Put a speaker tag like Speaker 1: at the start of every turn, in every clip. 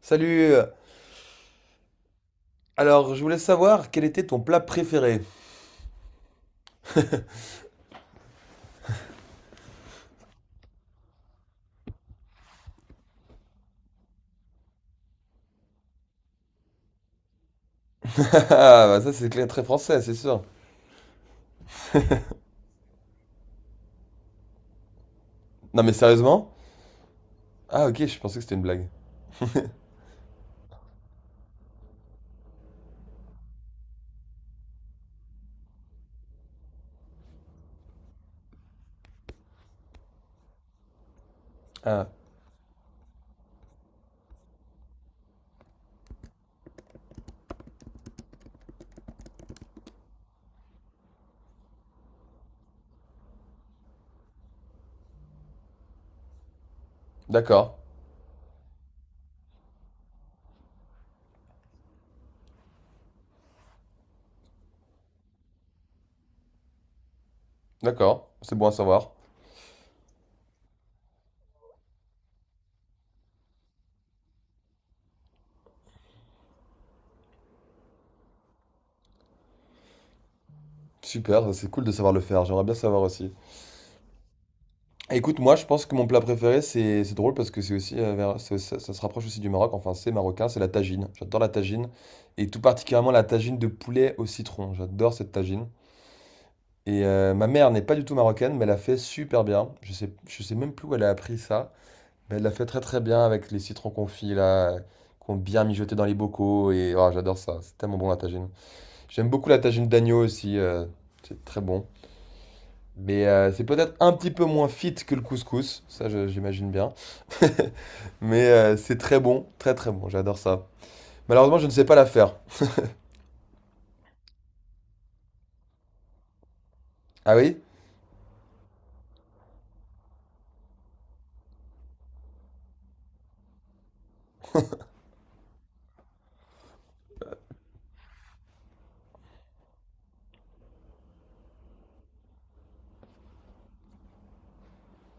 Speaker 1: Salut! Alors, je voulais savoir quel était ton plat préféré? Ah, bah ça c'est clair, très français, c'est sûr. Non mais sérieusement? Ah, ok, je pensais que c'était une blague. Ah, d'accord, d'accord, c'est bon à savoir. Super, ça, c'est cool de savoir le faire, j'aimerais bien savoir aussi. Écoute, moi je pense que mon plat préféré, c'est drôle parce que c'est aussi, ça se rapproche aussi du Maroc, enfin c'est marocain, c'est la tagine. J'adore la tagine, et tout particulièrement la tagine de poulet au citron, j'adore cette tagine. Et ma mère n'est pas du tout marocaine, mais elle a fait super bien. Je sais même plus où elle a appris ça. Mais elle l'a fait très très bien avec les citrons confits là, qu'on bien mijoté dans les bocaux et oh, j'adore ça, c'est tellement bon la tagine. J'aime beaucoup la tagine d'agneau aussi, c'est très bon. Mais c'est peut-être un petit peu moins fit que le couscous, ça j'imagine bien. Mais c'est très bon, très très bon, j'adore ça. Malheureusement, je ne sais pas la faire. Ah oui?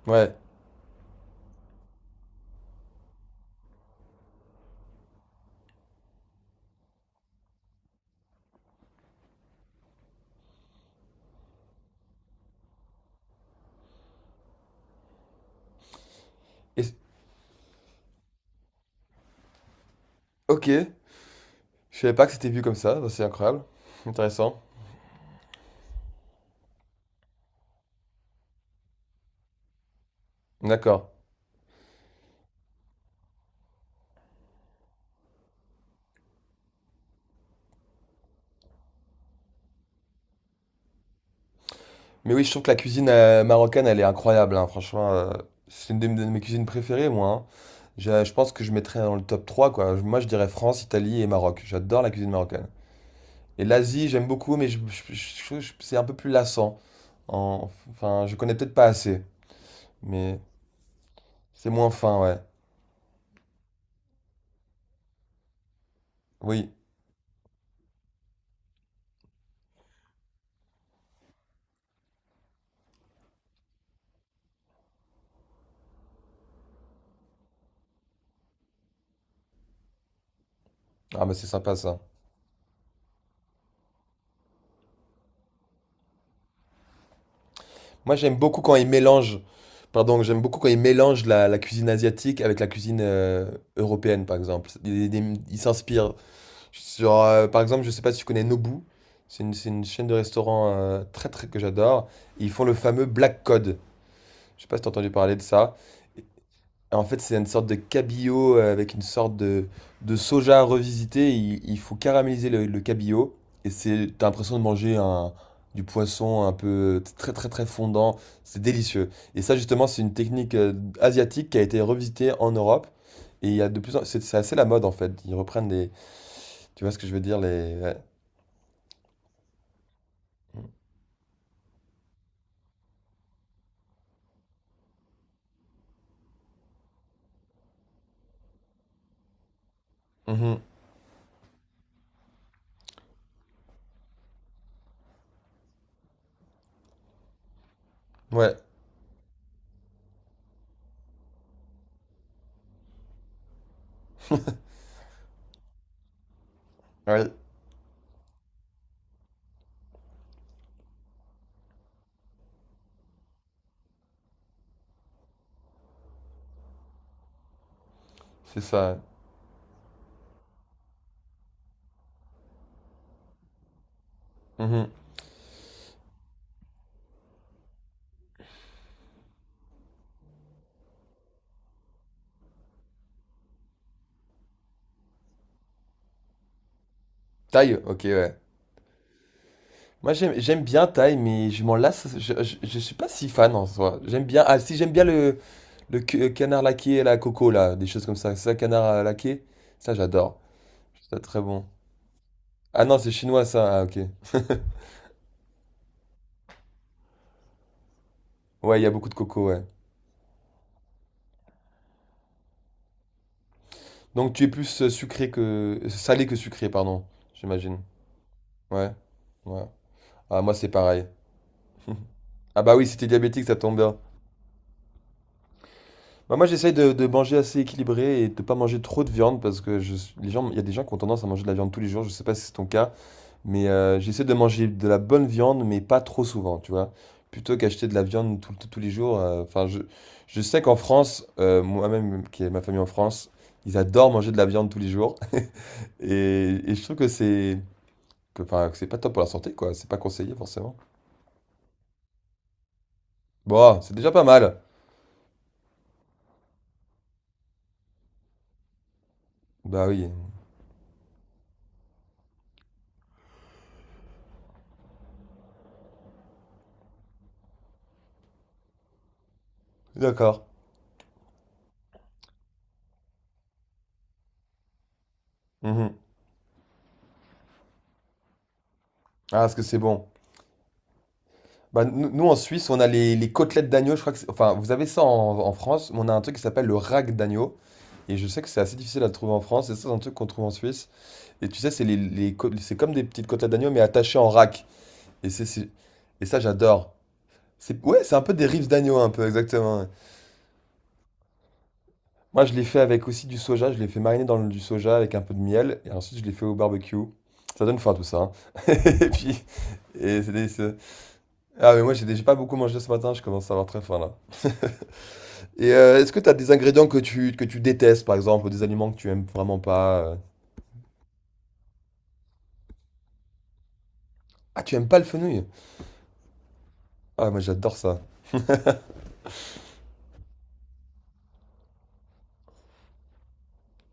Speaker 1: Ouais. Et- ok, je savais pas que c'était vu comme ça, bah, c'est incroyable, intéressant. D'accord. Mais oui, je trouve que la cuisine marocaine, elle est incroyable, hein, franchement. C'est une de mes cuisines préférées, moi. Hein. Je pense que je mettrais dans le top 3. Quoi. Je- Moi, je dirais France, Italie et Maroc. J'adore la cuisine marocaine. Et l'Asie, j'aime beaucoup, mais je trouve que c'est un peu plus lassant. En- Enfin, je connais peut-être pas assez, mais c'est moins fin, ouais. Oui. Ah, bah c'est sympa, ça. Moi, j'aime beaucoup quand ils mélangent... Pardon, j'aime beaucoup quand ils mélangent la cuisine asiatique avec la cuisine européenne, par exemple. Ils s'inspirent. Sur, par exemple, je sais pas si tu connais Nobu. C'est une chaîne de restaurants très très que j'adore. Et ils font le fameux Black Cod. Je sais pas si t'as entendu parler de ça. Et en fait, c'est une sorte de cabillaud avec une sorte de soja revisité. Il faut caraméliser le cabillaud. Et c'est, t'as l'impression de manger un, du poisson un peu très très très fondant. C'est délicieux. Et ça, justement, c'est une technique asiatique qui a été revisitée en Europe. Et il y a de plus en... c'est assez la mode en fait. Ils reprennent des, tu vois ce que je veux dire, les, mhm. Ouais, ouais, c'est ça. Mhm. Thaï, ok, ouais. Moi, j'aime bien Thaï, mais je m'en lasse. Je suis pas si fan en soi. J'aime bien. Ah, si, j'aime bien le, canard laqué et la coco, là. Des choses comme ça. C'est ça, canard laqué? Ça, j'adore. Je trouve ça très bon. Ah non, c'est chinois, ça. Ah, ok. Ouais, il y a beaucoup de coco, ouais. Donc, tu es plus sucré que. Salé que sucré, pardon. J'imagine. Ouais. Ouais. Ah, moi, c'est pareil. Ah, bah oui, si t'es diabétique, ça tombe bien. Bah, moi, j'essaye de manger assez équilibré et de pas manger trop de viande parce que je, les gens, il y a des gens qui ont tendance à manger de la viande tous les jours. Je sais pas si c'est ton cas, mais j'essaie de manger de la bonne viande, mais pas trop souvent, tu vois. Plutôt qu'acheter de la viande tous les jours. Enfin, je sais qu'en France, moi-même, qui est ma famille en France, ils adorent manger de la viande tous les jours. Et je trouve que c'est que, enfin, que c'est pas top pour la santé, quoi. C'est pas conseillé, forcément. Bon, c'est déjà pas mal. Bah oui, d'accord. Mhm. Ah, est-ce que c'est bon? Bah, nous, nous, en Suisse, on a les côtelettes d'agneau. Je crois que c'est- enfin, vous avez ça en France, mais on a un truc qui s'appelle le rack d'agneau. Et je sais que c'est assez difficile à trouver en France. Et ça, c'est un truc qu'on trouve en Suisse. Et tu sais, c'est c'est comme des petites côtelettes d'agneau, mais attachées en rack. Et, c'est- et ça, j'adore. C'est, ouais, c'est un peu des rives d'agneau, un peu, exactement. Ouais. Moi, je l'ai fait avec aussi du soja. Je l'ai fait mariner dans du soja avec un peu de miel. Et ensuite, je l'ai fait au barbecue. Ça donne faim, tout ça. Hein. Et puis, et c'est délicieux. Ah, mais moi, j'ai déjà pas beaucoup mangé ce matin. Je commence à avoir très faim, là. Et est-ce que tu as des ingrédients que tu détestes, par exemple, ou des aliments que tu aimes vraiment pas euh. Ah, tu aimes pas le fenouil? Ah, moi j'adore ça.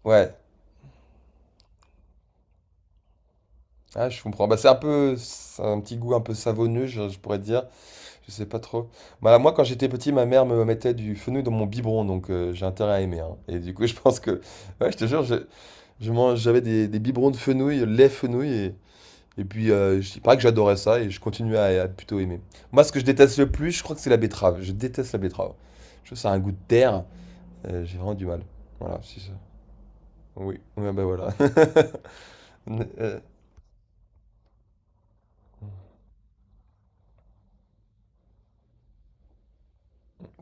Speaker 1: Ouais. Ah, je comprends. Bah, c'est un peu, c'est un petit goût un peu savonneux, je pourrais dire. Je sais pas trop. Bah, moi, quand j'étais petit, ma mère me mettait du fenouil dans mon biberon, donc j'ai intérêt à aimer. Hein. Et du coup, je pense que, ouais, je te jure, je mange, j'avais des biberons de fenouil, lait fenouil, et puis, il paraît que j'adorais ça et je continue à, plutôt aimer. Moi, ce que je déteste le plus, je crois que c'est la betterave. Je déteste la betterave. Je trouve que ça a un goût de terre. J'ai vraiment du mal. Voilà, c'est ça. Oui, ouais, bah voilà.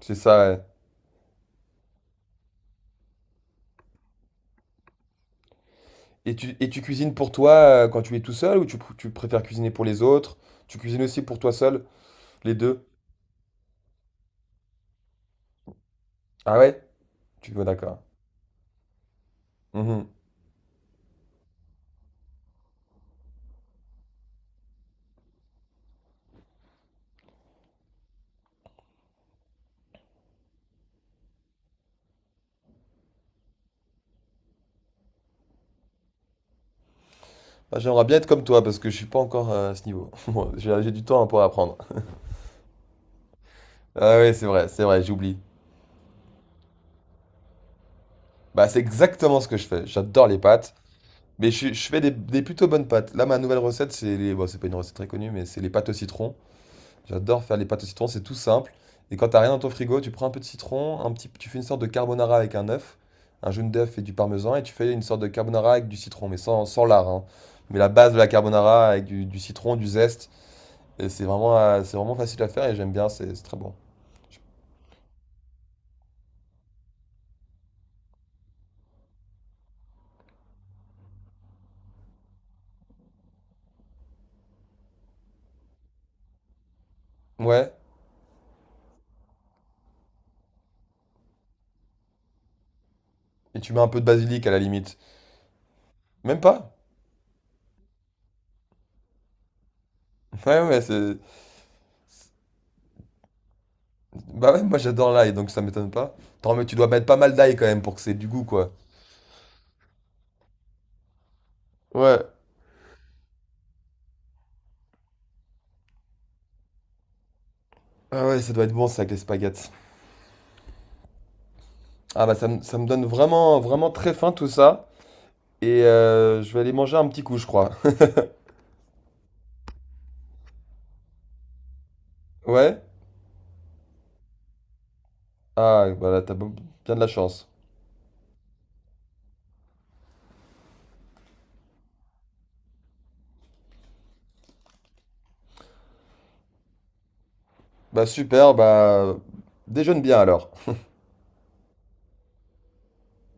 Speaker 1: C'est ça. Ouais. Et tu cuisines pour toi quand tu es tout seul ou tu préfères cuisiner pour les autres? Tu cuisines aussi pour toi seul, les deux? Ah ouais? Tu vois, d'accord. Mhm. Ah, j'aimerais bien être comme toi parce que je suis pas encore à ce niveau. Bon, j'ai du temps hein, pour apprendre. Ah ouais, c'est vrai, j'oublie. Bah, c'est exactement ce que je fais. J'adore les pâtes, mais je fais des plutôt bonnes pâtes. Là, ma nouvelle recette, c'est les... Bon, c'est pas une recette très connue, mais c'est les pâtes au citron. J'adore faire les pâtes au citron, c'est tout simple. Et quand t'as rien dans ton frigo, tu prends un peu de citron, un petit... tu fais une sorte de carbonara avec un œuf, un jaune d'œuf et du parmesan, et tu fais une sorte de carbonara avec du citron, mais sans, sans lard, hein. Mais la base de la carbonara avec du citron, du zeste, et c'est vraiment facile à faire et j'aime bien, c'est très bon. Ouais, et tu mets un peu de basilic à la limite. Même pas. Ouais, ouais, c'est. Bah ouais, moi j'adore l'ail, donc ça m'étonne pas. Attends mais tu dois mettre pas mal d'ail quand même pour que c'est du goût, quoi. Ouais. Ah ouais, ça doit être bon ça avec les spaghettis. Ah bah ça, ça me donne vraiment, vraiment très faim tout ça. Et je vais aller manger un petit coup, je crois. Ouais? Ah, bah là, bien de la chance. Bah super, bah déjeune bien alors.